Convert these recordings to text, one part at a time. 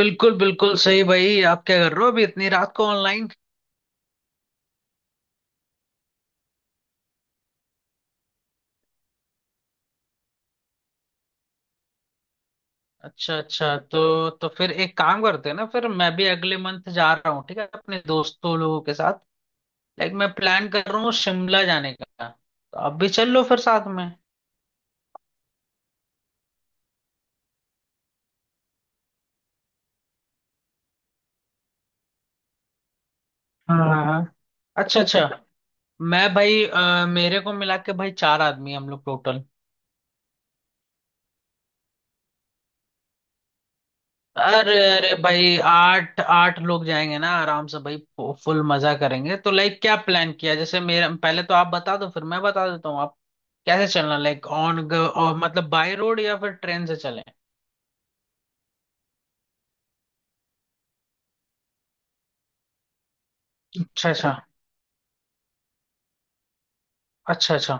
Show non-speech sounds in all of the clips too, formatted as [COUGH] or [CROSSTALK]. बिल्कुल बिल्कुल सही भाई। आप क्या कर रहे हो अभी इतनी रात को ऑनलाइन? अच्छा अच्छा, तो फिर एक काम करते हैं ना। फिर मैं भी अगले मंथ जा रहा हूँ, ठीक है, अपने दोस्तों लोगों के साथ। लाइक, मैं प्लान कर रहा हूँ शिमला जाने का, तो आप भी चल लो फिर साथ में। हाँ हाँ हाँ। अच्छा अच्छा। मैं भाई मेरे को मिला के भाई चार आदमी हैं हम लोग टोटल। अरे अरे भाई आठ आठ लोग जाएंगे ना आराम से भाई। फुल मजा करेंगे। तो लाइक क्या प्लान किया, जैसे मेरा पहले तो आप बता दो फिर मैं बता देता हूँ, आप कैसे चलना, लाइक ऑन और मतलब बाय रोड या फिर ट्रेन से चलें। अच्छा अच्छा। अच्छा अच्छा।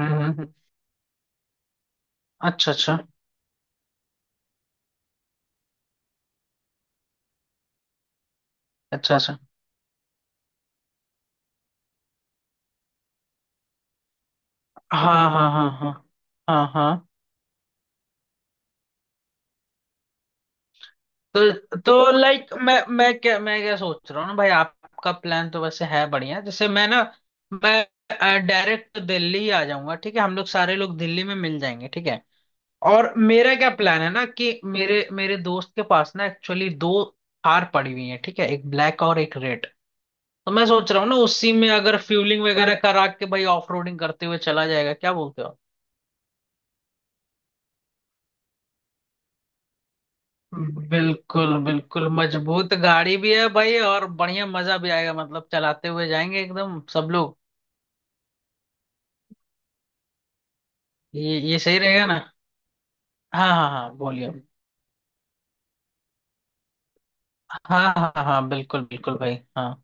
हम्म हम्म, हम्म। अच्छा अच्छा। अच्छा अच्छा। हाँ हाँ हाँ हाँ। हाँ हाँ। तो लाइक मैं क्या, मैं क्या सोच रहा हूँ ना भाई, आपका प्लान तो वैसे है बढ़िया। जैसे मैं ना, मैं डायरेक्ट दिल्ली ही आ जाऊंगा, ठीक है, हम लोग सारे लोग दिल्ली में मिल जाएंगे, ठीक है। और मेरा क्या प्लान है ना कि मेरे मेरे दोस्त के पास ना एक्चुअली दो कार पड़ी हुई है, ठीक है, एक ब्लैक और एक रेड। तो मैं सोच रहा हूँ ना उसी में अगर फ्यूलिंग वगैरह करा के भाई ऑफ रोडिंग करते हुए चला जाएगा, क्या बोलते हो? बिल्कुल बिल्कुल मजबूत गाड़ी भी है भाई और बढ़िया मजा भी आएगा, मतलब चलाते हुए जाएंगे एकदम सब लोग। ये सही रहेगा ना। हाँ हाँ हाँ बोलिए। हाँ हाँ हाँ बिल्कुल बिल्कुल भाई हाँ।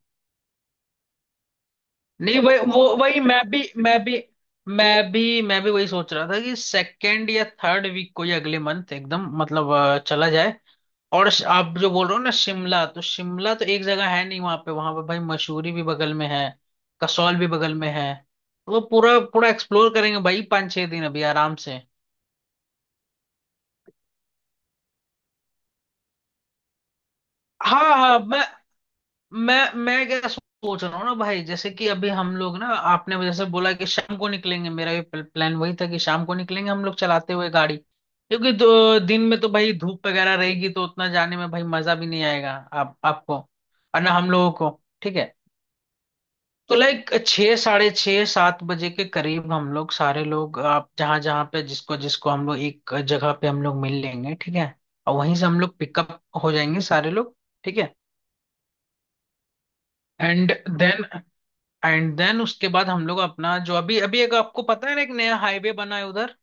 नहीं भाई वो वही, मैं भी वही सोच रहा था कि सेकेंड या थर्ड वीक को ही अगले मंथ एकदम मतलब चला जाए। और आप जो बोल रहे हो ना शिमला, तो शिमला तो एक जगह है नहीं, वहां पे वहां पे भाई मसूरी भी बगल में है, कसौल भी बगल में है। तो पूरा पूरा एक्सप्लोर करेंगे भाई पाँच छह दिन अभी आराम से। हाँ हाँ, मैं क्या सोच रहा हूँ ना भाई, जैसे कि अभी हम लोग ना, आपने जैसे बोला कि शाम को निकलेंगे, मेरा भी प्लान वही था कि शाम को निकलेंगे हम लोग चलाते हुए गाड़ी, क्योंकि दो दिन में तो भाई धूप वगैरह रहेगी तो उतना जाने में भाई मजा भी नहीं आएगा, आप आपको और ना हम लोगों को, ठीक है। तो लाइक छः साढ़े छः सात बजे के करीब हम लोग सारे लोग, आप जहाँ जहाँ पे जिसको जिसको, हम लोग एक जगह पे हम लोग मिल लेंगे, ठीक है। और वहीं से हम लोग पिकअप हो जाएंगे सारे लोग। ठीक है। एंड देन, उसके बाद हम लोग अपना जो अभी अभी, एक आपको पता है ना एक नया हाईवे बना है उधर,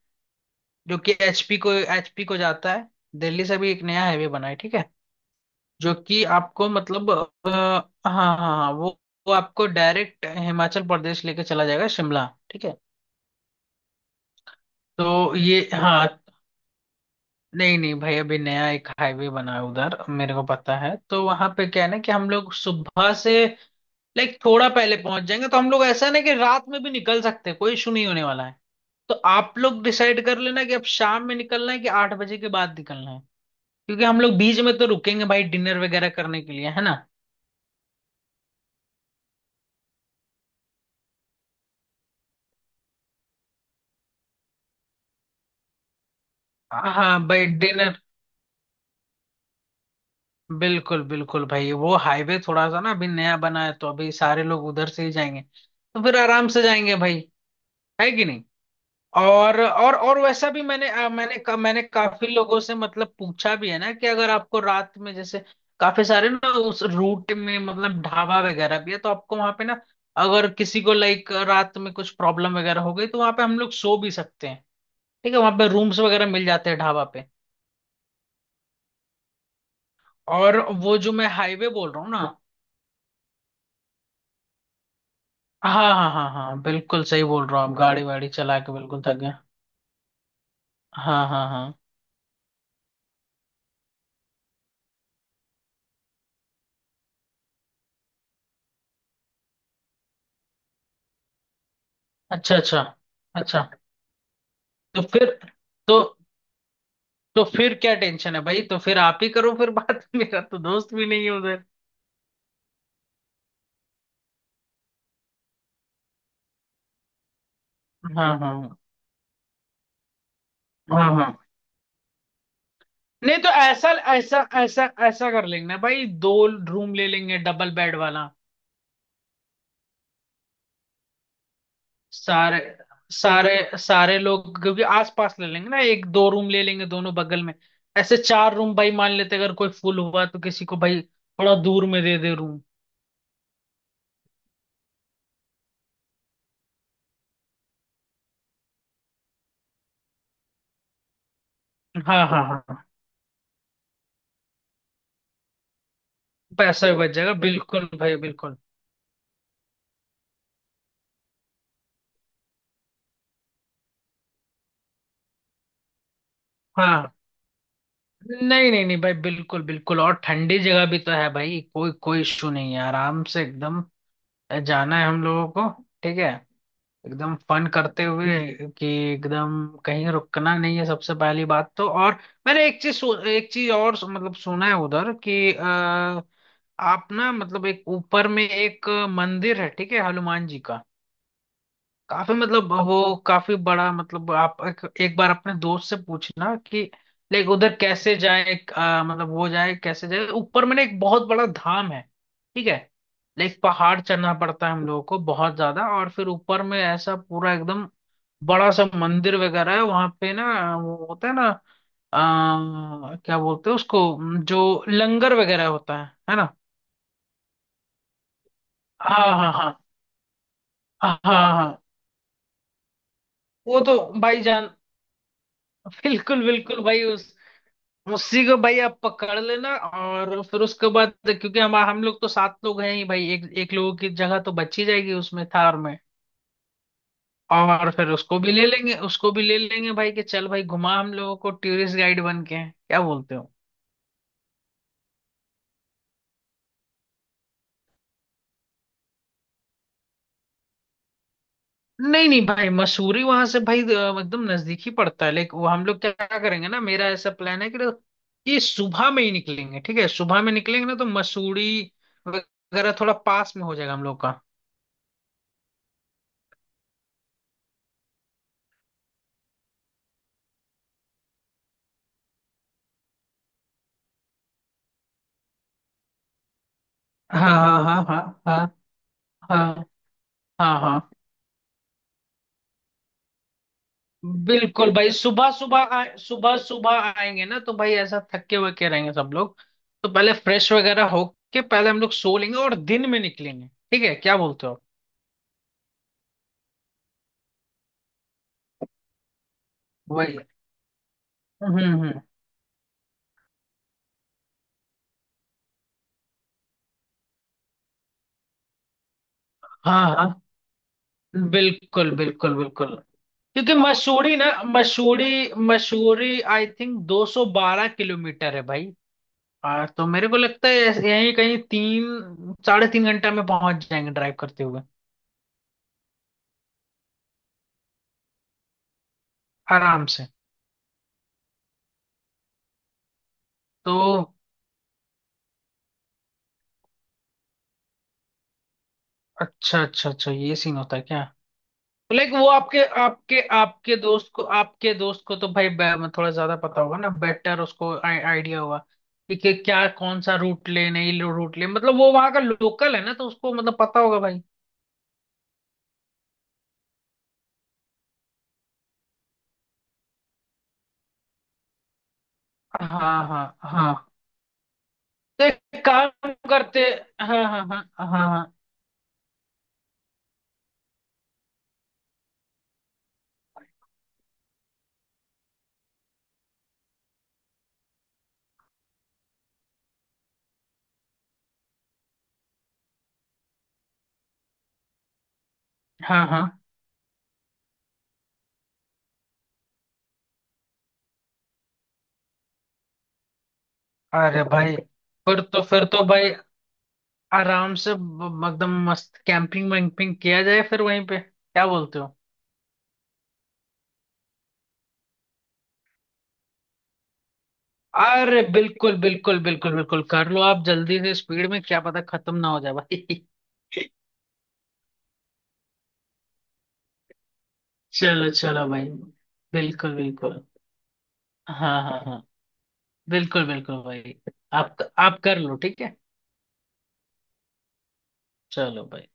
जो कि एचपी को जाता है। दिल्ली से भी एक नया हाईवे बना है, ठीक है। जो कि आपको मतलब हाँ हाँ हाँ वो आपको डायरेक्ट हिमाचल प्रदेश लेके चला जाएगा शिमला, ठीक है। तो ये, हाँ। नहीं नहीं भाई अभी नया एक हाईवे बना है उधर, मेरे को पता है। तो वहां पे क्या है ना कि हम लोग सुबह से लाइक थोड़ा पहले पहुंच जाएंगे। तो हम लोग ऐसा ना कि रात में भी निकल सकते हैं, कोई इशू नहीं होने वाला है। तो आप लोग डिसाइड कर लेना कि अब शाम में निकलना है कि आठ बजे के बाद निकलना है, क्योंकि हम लोग बीच में तो रुकेंगे भाई डिनर वगैरह करने के लिए, है ना। हाँ भाई डिनर। बिल्कुल बिल्कुल भाई, वो हाईवे थोड़ा सा ना अभी नया बना है तो अभी सारे लोग उधर से ही जाएंगे, तो फिर आराम से जाएंगे भाई, है कि नहीं। और वैसा भी मैंने मैंने मैंने काफी लोगों से मतलब पूछा भी है ना, कि अगर आपको रात में जैसे काफी सारे ना उस रूट में मतलब ढाबा वगैरह भी है, तो आपको वहां पे ना, अगर किसी को लाइक रात में कुछ प्रॉब्लम वगैरह हो गई, तो वहां पे हम लोग सो भी सकते हैं, ठीक है, वहां पे रूम्स वगैरह मिल जाते हैं ढाबा पे। और वो जो मैं हाईवे बोल रहा हूँ ना। हाँ हाँ हाँ हाँ बिल्कुल सही बोल रहा हूँ, आप गाड़ी वाड़ी चला के बिल्कुल थक गए। हाँ हाँ हाँ। अच्छा अच्छा अच्छा। तो फिर तो तो फिर क्या टेंशन है भाई, तो फिर आप ही करो फिर बात [LAUGHS] मेरा तो दोस्त भी नहीं है उधर। हाँ हाँ हाँ हाँ। नहीं, तो ऐसा ऐसा ऐसा ऐसा कर लेंगे ना भाई, दो रूम ले लेंगे डबल बेड वाला। सारे सारे सारे लोग क्योंकि आसपास ले लेंगे ना, एक दो रूम ले लेंगे दोनों बगल में, ऐसे चार रूम भाई। मान लेते अगर कोई फुल हुआ तो किसी को भाई थोड़ा दूर में दे दे रूम। हाँ हाँ हाँ। पैसा भी बच जाएगा बिल्कुल भाई बिल्कुल। हाँ। नहीं नहीं नहीं भाई बिल्कुल बिल्कुल, और ठंडी जगह भी तो है भाई, कोई कोई इशू नहीं है, आराम से एकदम जाना है हम लोगों को, ठीक है, एकदम फन करते हुए कि एकदम कहीं रुकना नहीं है सबसे पहली बात। तो और मैंने एक चीज और मतलब सुना है उधर कि आप ना मतलब एक ऊपर में एक मंदिर है, ठीक है, हनुमान जी का। काफी मतलब वो काफी बड़ा, मतलब आप एक बार अपने दोस्त से पूछना कि लाइक उधर कैसे जाए, मतलब वो जाए कैसे जाए, ऊपर में ना एक बहुत बड़ा धाम है, ठीक है, लाइक पहाड़ चढ़ना पड़ता है हम लोगों को बहुत ज्यादा, और फिर ऊपर में ऐसा पूरा एकदम बड़ा सा मंदिर वगैरह है वहां पे ना, वो होता है ना, क्या बोलते हैं उसको, जो लंगर वगैरह होता है ना। हाँ हाँ हाँ हाँ हाँ हाँ। वो तो भाई जान, बिल्कुल बिल्कुल भाई उसी को भाई आप पकड़ लेना। और फिर उसके बाद क्योंकि हम लोग तो सात लोग हैं ही भाई, एक एक लोगों की जगह तो बची जाएगी उसमें थार में, और फिर उसको भी ले लेंगे, उसको भी ले लेंगे भाई कि चल भाई घुमा हम लोगों को टूरिस्ट गाइड बन के, क्या बोलते हो? नहीं नहीं भाई मसूरी वहां से भाई एकदम नजदीक ही पड़ता है, लेकिन वो हम लोग क्या करेंगे ना, मेरा ऐसा प्लान है कि ये सुबह में ही निकलेंगे, ठीक है, सुबह में निकलेंगे ना तो मसूरी वगैरह थोड़ा पास में हो जाएगा हम लोग का। हाँ हाँ हाँ हाँ हाँ हाँ हाँ हाँ बिल्कुल भाई, सुबह सुबह आए, सुबह सुबह आएंगे ना तो भाई ऐसा थके हुए के रहेंगे सब लोग, तो पहले फ्रेश वगैरह होके पहले हम लोग सो लेंगे और दिन में निकलेंगे। ठीक है, क्या बोलते हो आप? वही, हम्म। हाँ हाँ बिल्कुल बिल्कुल बिल्कुल, क्योंकि मसूरी ना, Mussoorie Mussoorie I think 212 kilometre है भाई। तो मेरे को लगता है ऐसे- यहीं कहीं तीन साढ़े तीन घंटा में पहुंच जाएंगे ड्राइव करते हुए आराम से। तो अच्छा अच्छा अच्छा, ये सीन होता है क्या? लाइक वो आपके आपके आपके दोस्त को, आपके दोस्त को तो भाई थोड़ा ज्यादा पता होगा ना बेटर, उसको आइडिया होगा कि क्या कौन सा रूट ले, नहीं रूट ले मतलब वो वहां का लोकल है ना तो उसको मतलब पता होगा भाई। हाँ हाँ हाँ। तो एक काम करते। हाँ हाँ हाँ हाँ हाँ हाँ हाँ। अरे भाई फिर तो भाई आराम से एकदम मस्त कैंपिंग वैम्पिंग किया जाए फिर वहीं पे, क्या बोलते हो? अरे बिल्कुल बिल्कुल बिल्कुल बिल्कुल कर लो, आप जल्दी से स्पीड में, क्या पता खत्म ना हो जाए भाई [LAUGHS] चलो चलो भाई, बिल्कुल बिल्कुल, हाँ हाँ हाँ बिल्कुल बिल्कुल भाई। आप कर लो ठीक है। चलो भाई।